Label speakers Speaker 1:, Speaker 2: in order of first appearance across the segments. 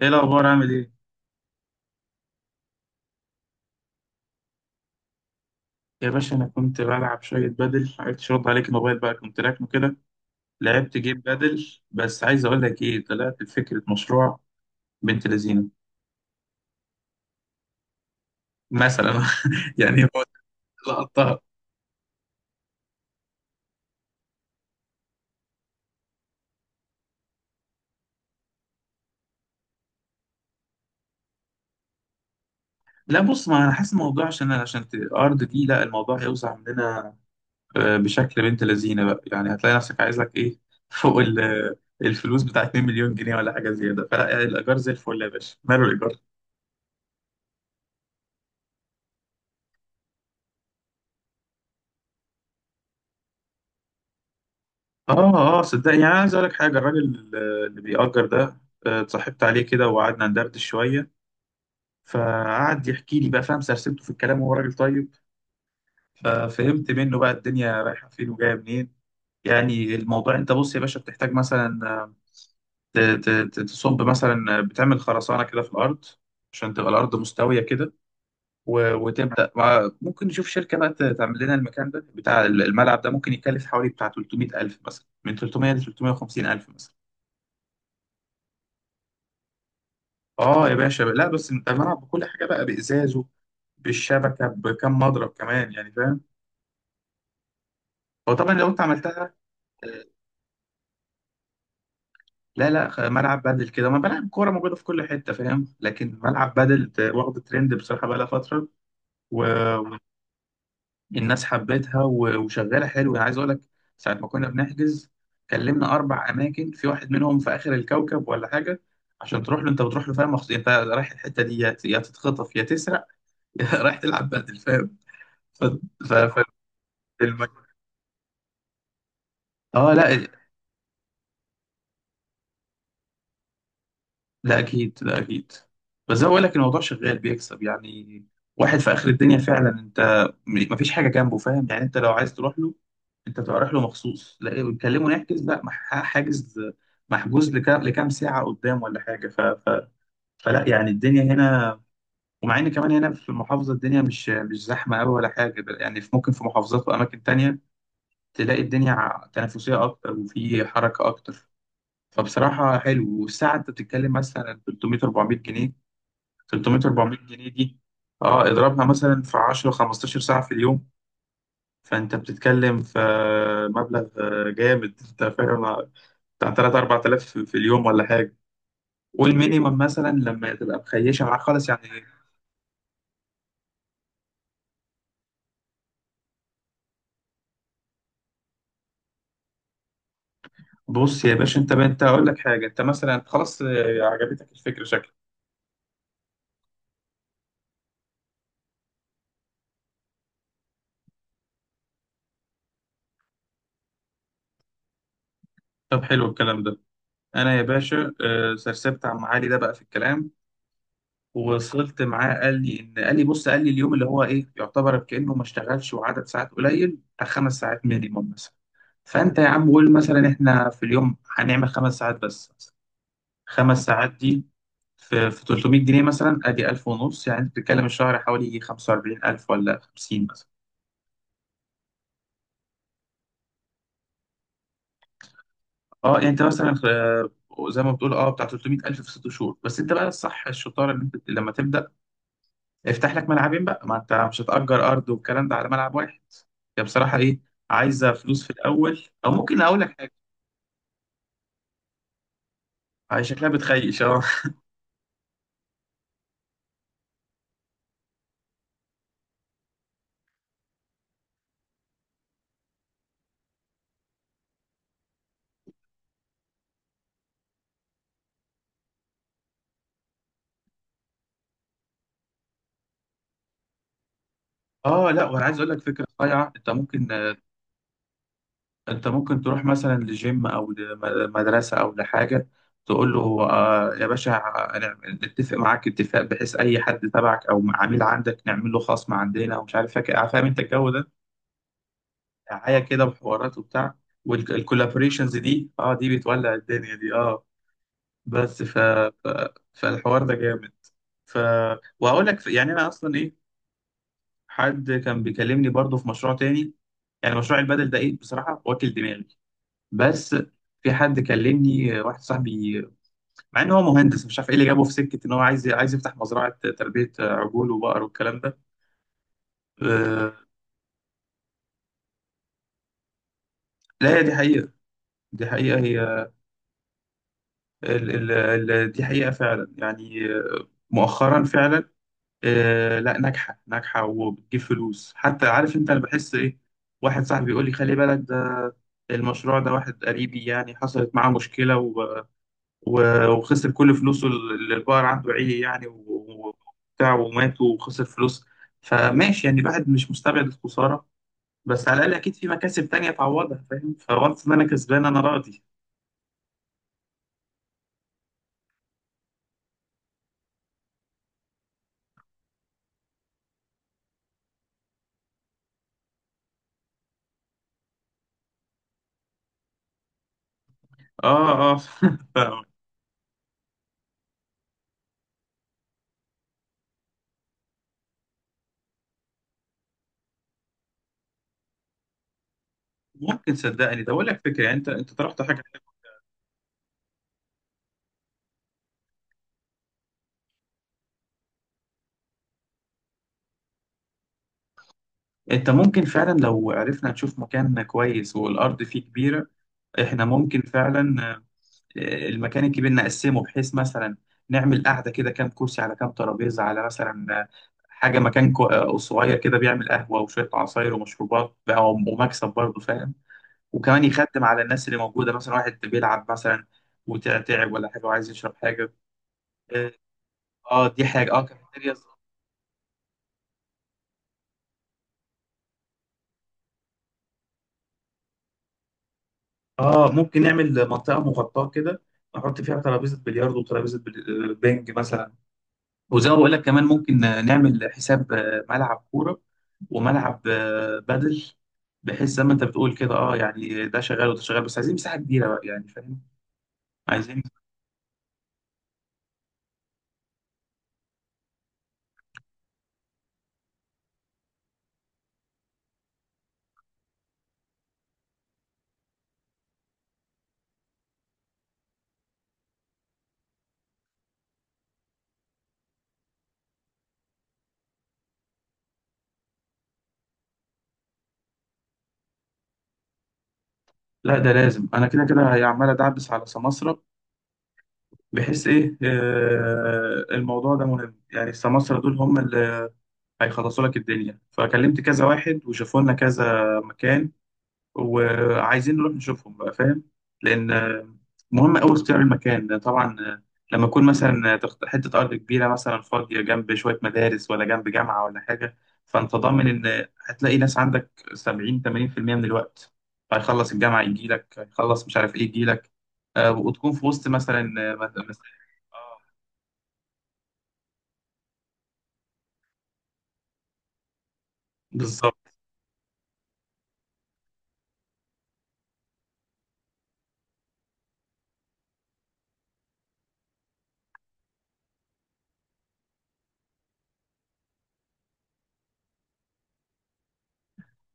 Speaker 1: ايه الاخبار؟ عامل ايه يا باشا؟ انا كنت بلعب شويه بدل، عرفتش ارد عليك. الموبايل بقى كنت راكنه كده. لعبت جيم بدل، بس عايز اقول لك ايه، طلعت بفكره مشروع بنت لذينه مثلا. يعني هو لقطها. لا بص، ما انا حاسس الموضوع عشان ارض دي، لا الموضوع هيوسع مننا. بشكل بنت لذينه بقى، يعني هتلاقي نفسك عايز لك ايه فوق الفلوس بتاعت 2 مليون جنيه ولا حاجه زياده. فلا يعني الايجار زي الفل يا باشا، ماله الايجار. اه اه، صدقني يعني أنا عايز اقول لك حاجه. الراجل اللي بيأجر ده، اتصاحبت عليه كده وقعدنا ندردش شويه، فقعد يحكي لي بقى، فاهم، سرسبته في الكلام وهو راجل طيب، ففهمت منه بقى الدنيا رايحه فين وجايه منين. يعني الموضوع انت بص يا باشا، بتحتاج مثلا تصب مثلا، بتعمل خرسانه كده في الارض عشان تبقى الارض مستويه كده. وتبدا ممكن نشوف شركه بقى تعمل لنا المكان ده بتاع الملعب ده. ممكن يكلف حوالي بتاع 300000 مثلا، من 300 ل 350000 مثلا. اه يا باشا، لا بس انت الملعب بكل حاجه بقى، بازازه، بالشبكه، بكم مضرب كمان، يعني فاهم، هو طبعا لو انت عملتها. لا لا، ملعب بدل كده، ما ملعب كوره موجوده في كل حته، فاهم، لكن ملعب بدل واخد ترند بصراحه بقى لها فتره، والناس حبتها وشغاله حلو. انا عايز اقول لك، ساعه ما كنا بنحجز كلمنا اربع اماكن، في واحد منهم في اخر الكوكب ولا حاجه، عشان تروح له انت بتروح له فاهم مخصوص، انت رايح الحته دي يا يا تتخطف يا تسرق يا رايح تلعب بدل فاهم. ف... ف... ف... اه لا، لا اكيد لا اكيد، بس زي ما بقول لك، الموضوع شغال بيكسب يعني. واحد في اخر الدنيا فعلا، انت مفيش حاجه جنبه، فاهم، يعني انت لو عايز تروح له انت تبقى رايح له مخصوص، لا بتكلمه نحجز، لا حاجز محجوز لكام ساعه قدام ولا حاجه. فلا يعني الدنيا هنا، ومع ان كمان هنا في المحافظه الدنيا مش زحمه قوي ولا حاجه، ده يعني في ممكن في محافظات واماكن تانية تلاقي الدنيا تنافسيه اكتر وفي حركه اكتر. فبصراحة حلو. والساعة أنت بتتكلم مثلا 300 400 جنيه، 300 400 جنيه دي أه اضربها مثلا في 10 15 ساعة في اليوم، فأنت بتتكلم في مبلغ جامد أنت فاهم، بتاع 3 4000 في اليوم ولا حاجة، والمينيمم مثلا لما تبقى مخيشة معاك خالص يعني. بص يا باشا، أنت أقول لك حاجة، أنت مثلا خلاص عجبتك الفكرة شكلك. طب حلو الكلام ده. أنا يا باشا، سرسبت عم علي ده بقى في الكلام ووصلت معاه، قال لي ان قال لي بص، قال لي اليوم اللي هو ايه يعتبر كانه ما اشتغلش، وعدد ساعات قليل بتاع خمس ساعات مينيموم مثلا. فانت يا عم قول مثلا احنا في اليوم هنعمل خمس ساعات بس مثلا. خمس ساعات دي في 300 جنيه مثلا ادي 1000 ونص، يعني انت بتتكلم الشهر حوالي يجي 45000 ولا 50 مثلا. اه يعني انت مثلا، زي ما بتقول اه بتاع 300000 في ست شهور، بس انت بقى الصح الشطاره ان انت لما تبدا افتح لك ملعبين بقى، ما انت مش هتأجر ارض والكلام ده على ملعب واحد. هي بصراحة ايه، عايزة فلوس في الاول. او ممكن اقول لك حاجة، هي شكلها بتخيش اه. اه، لا وانا عايز اقول لك فكرة صايعة. انت ممكن انت ممكن تروح مثلا لجيم او لمدرسة او لحاجة تقول له آه يا باشا، أنا نتفق معاك اتفاق بحيث اي حد تبعك او عميل عندك نعمل له خصم عندنا ومش عارف فاكر، فاهم انت الجو ده، دعاية كده وحوارات وبتاع. والكولابوريشنز دي اه، دي بتولع الدنيا دي اه. بس ف... فالحوار ده جامد. ف وهقول لك يعني انا اصلا ايه، حد كان بيكلمني برضو في مشروع تاني. يعني مشروع البدل ده ايه بصراحه واكل دماغي، بس في حد كلمني، واحد صاحبي، مع ان هو مهندس مش عارف ايه اللي جابه في سكه، ان هو عايز يفتح مزرعه تربيه عجول وبقر والكلام ده. آه، لا هي دي حقيقه، دي حقيقه هي، دي حقيقه فعلا. يعني مؤخرا فعلا آه، لا ناجحة ناجحة وبتجيب فلوس حتى، عارف انت انا بحس ايه، واحد صاحبي بيقول لي خلي بالك ده المشروع ده، واحد قريبي يعني حصلت معاه مشكلة و... وخسر كل فلوسه، اللي البقر عنده عيه يعني وبتاع ومات، وخسر فلوس. فماشي يعني، الواحد مش مستبعد الخسارة، بس على الأقل أكيد في مكاسب تانية تعوضها، فاهم، فوانس إن أنا كسبان أنا راضي. اه اه. فممكن صدقني ده أقول لك فكرة، يعني أنت طرحت حاجة. انت ممكن فعلا لو عرفنا نشوف مكان كويس والارض فيه كبيره احنا ممكن فعلا المكان الكبير نقسمه بحيث مثلا نعمل قعده كده، كام كرسي على كام ترابيزه، على مثلا حاجه مكان صغير كده بيعمل قهوه وشويه عصاير ومشروبات بقى، ومكسب برضه فاهم، وكمان يخدم على الناس اللي موجوده، مثلا واحد بيلعب مثلا وتعب ولا حاجه وعايز يشرب حاجه. اه، دي حاجه اه، كافيتيريا. اه ممكن نعمل منطقه مغطاه كده نحط فيها ترابيزه بلياردو وترابيزه بنج مثلا. وزي ما بقول لك، كمان ممكن نعمل حساب ملعب كوره وملعب بدل، بحيث زي ما انت بتقول كده اه، يعني ده شغال وده شغال، بس عايزين مساحه كبيره بقى، يعني فاهم، عايزين. لا ده لازم، انا كده كده هي عمال ادعبس على سماسرة، بحيث ايه آه، الموضوع ده مهم يعني، السماسرة دول هم اللي هيخلصوا لك الدنيا. فكلمت كذا واحد وشافوا لنا كذا مكان، وعايزين نروح نشوفهم بقى فاهم. لان مهم قوي اختيار المكان طبعا، لما يكون مثلا حته ارض كبيره مثلا فاضيه جنب شويه مدارس ولا جنب جامعه ولا حاجه، فانت ضامن ان هتلاقي ناس عندك 70 80% من الوقت. هيخلص الجامعه يجي لك، هيخلص مش عارف ايه يجي لك. وتكون في وسط مثلا آه، مد- مس- آه، بالظبط.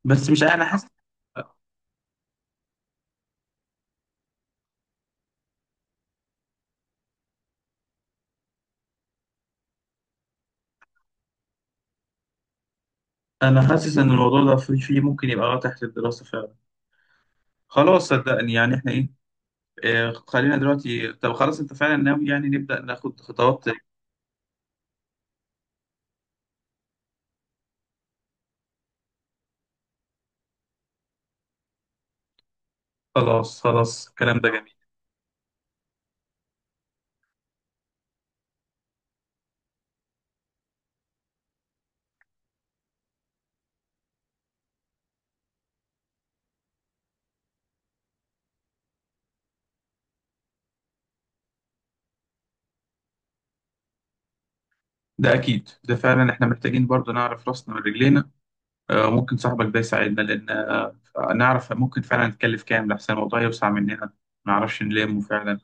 Speaker 1: بس مش، انا حاسس، انا حاسس ان الموضوع ده في ممكن يبقى آه تحت الدراسه فعلا. خلاص صدقني يعني احنا ايه، خلينا دلوقتي. طب خلاص انت فعلا ناوي يعني نبدأ ناخد خطوات. خلاص خلاص، الكلام ده جميل. ده اكيد، ده فعلا احنا محتاجين برضو نعرف راسنا من رجلينا. ممكن صاحبك ده يساعدنا، لان نعرف ممكن فعلا نتكلف كام، لحسن الموضوع يوسع مننا ما نعرفش نلمه فعلا.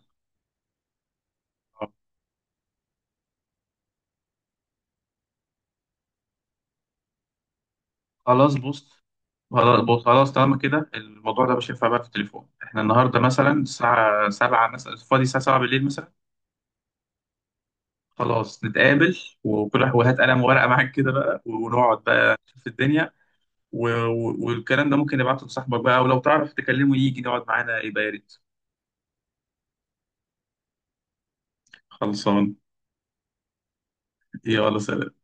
Speaker 1: خلاص بص خلاص بص، خلاص طالما كده الموضوع ده مش هينفع بقى في التليفون. احنا النهارده مثلا الساعة 7 مثلا، فاضي الساعة 7 بالليل مثلا. خلاص نتقابل، وكل واحد وهات قلم وورقة معاك كده بقى ونقعد بقى في الدنيا. والكلام ده ممكن نبعته لصاحبك بقى، ولو تعرف تكلمه يجي يقعد معانا يبقى يا ريت. خلصان. يلا سلام.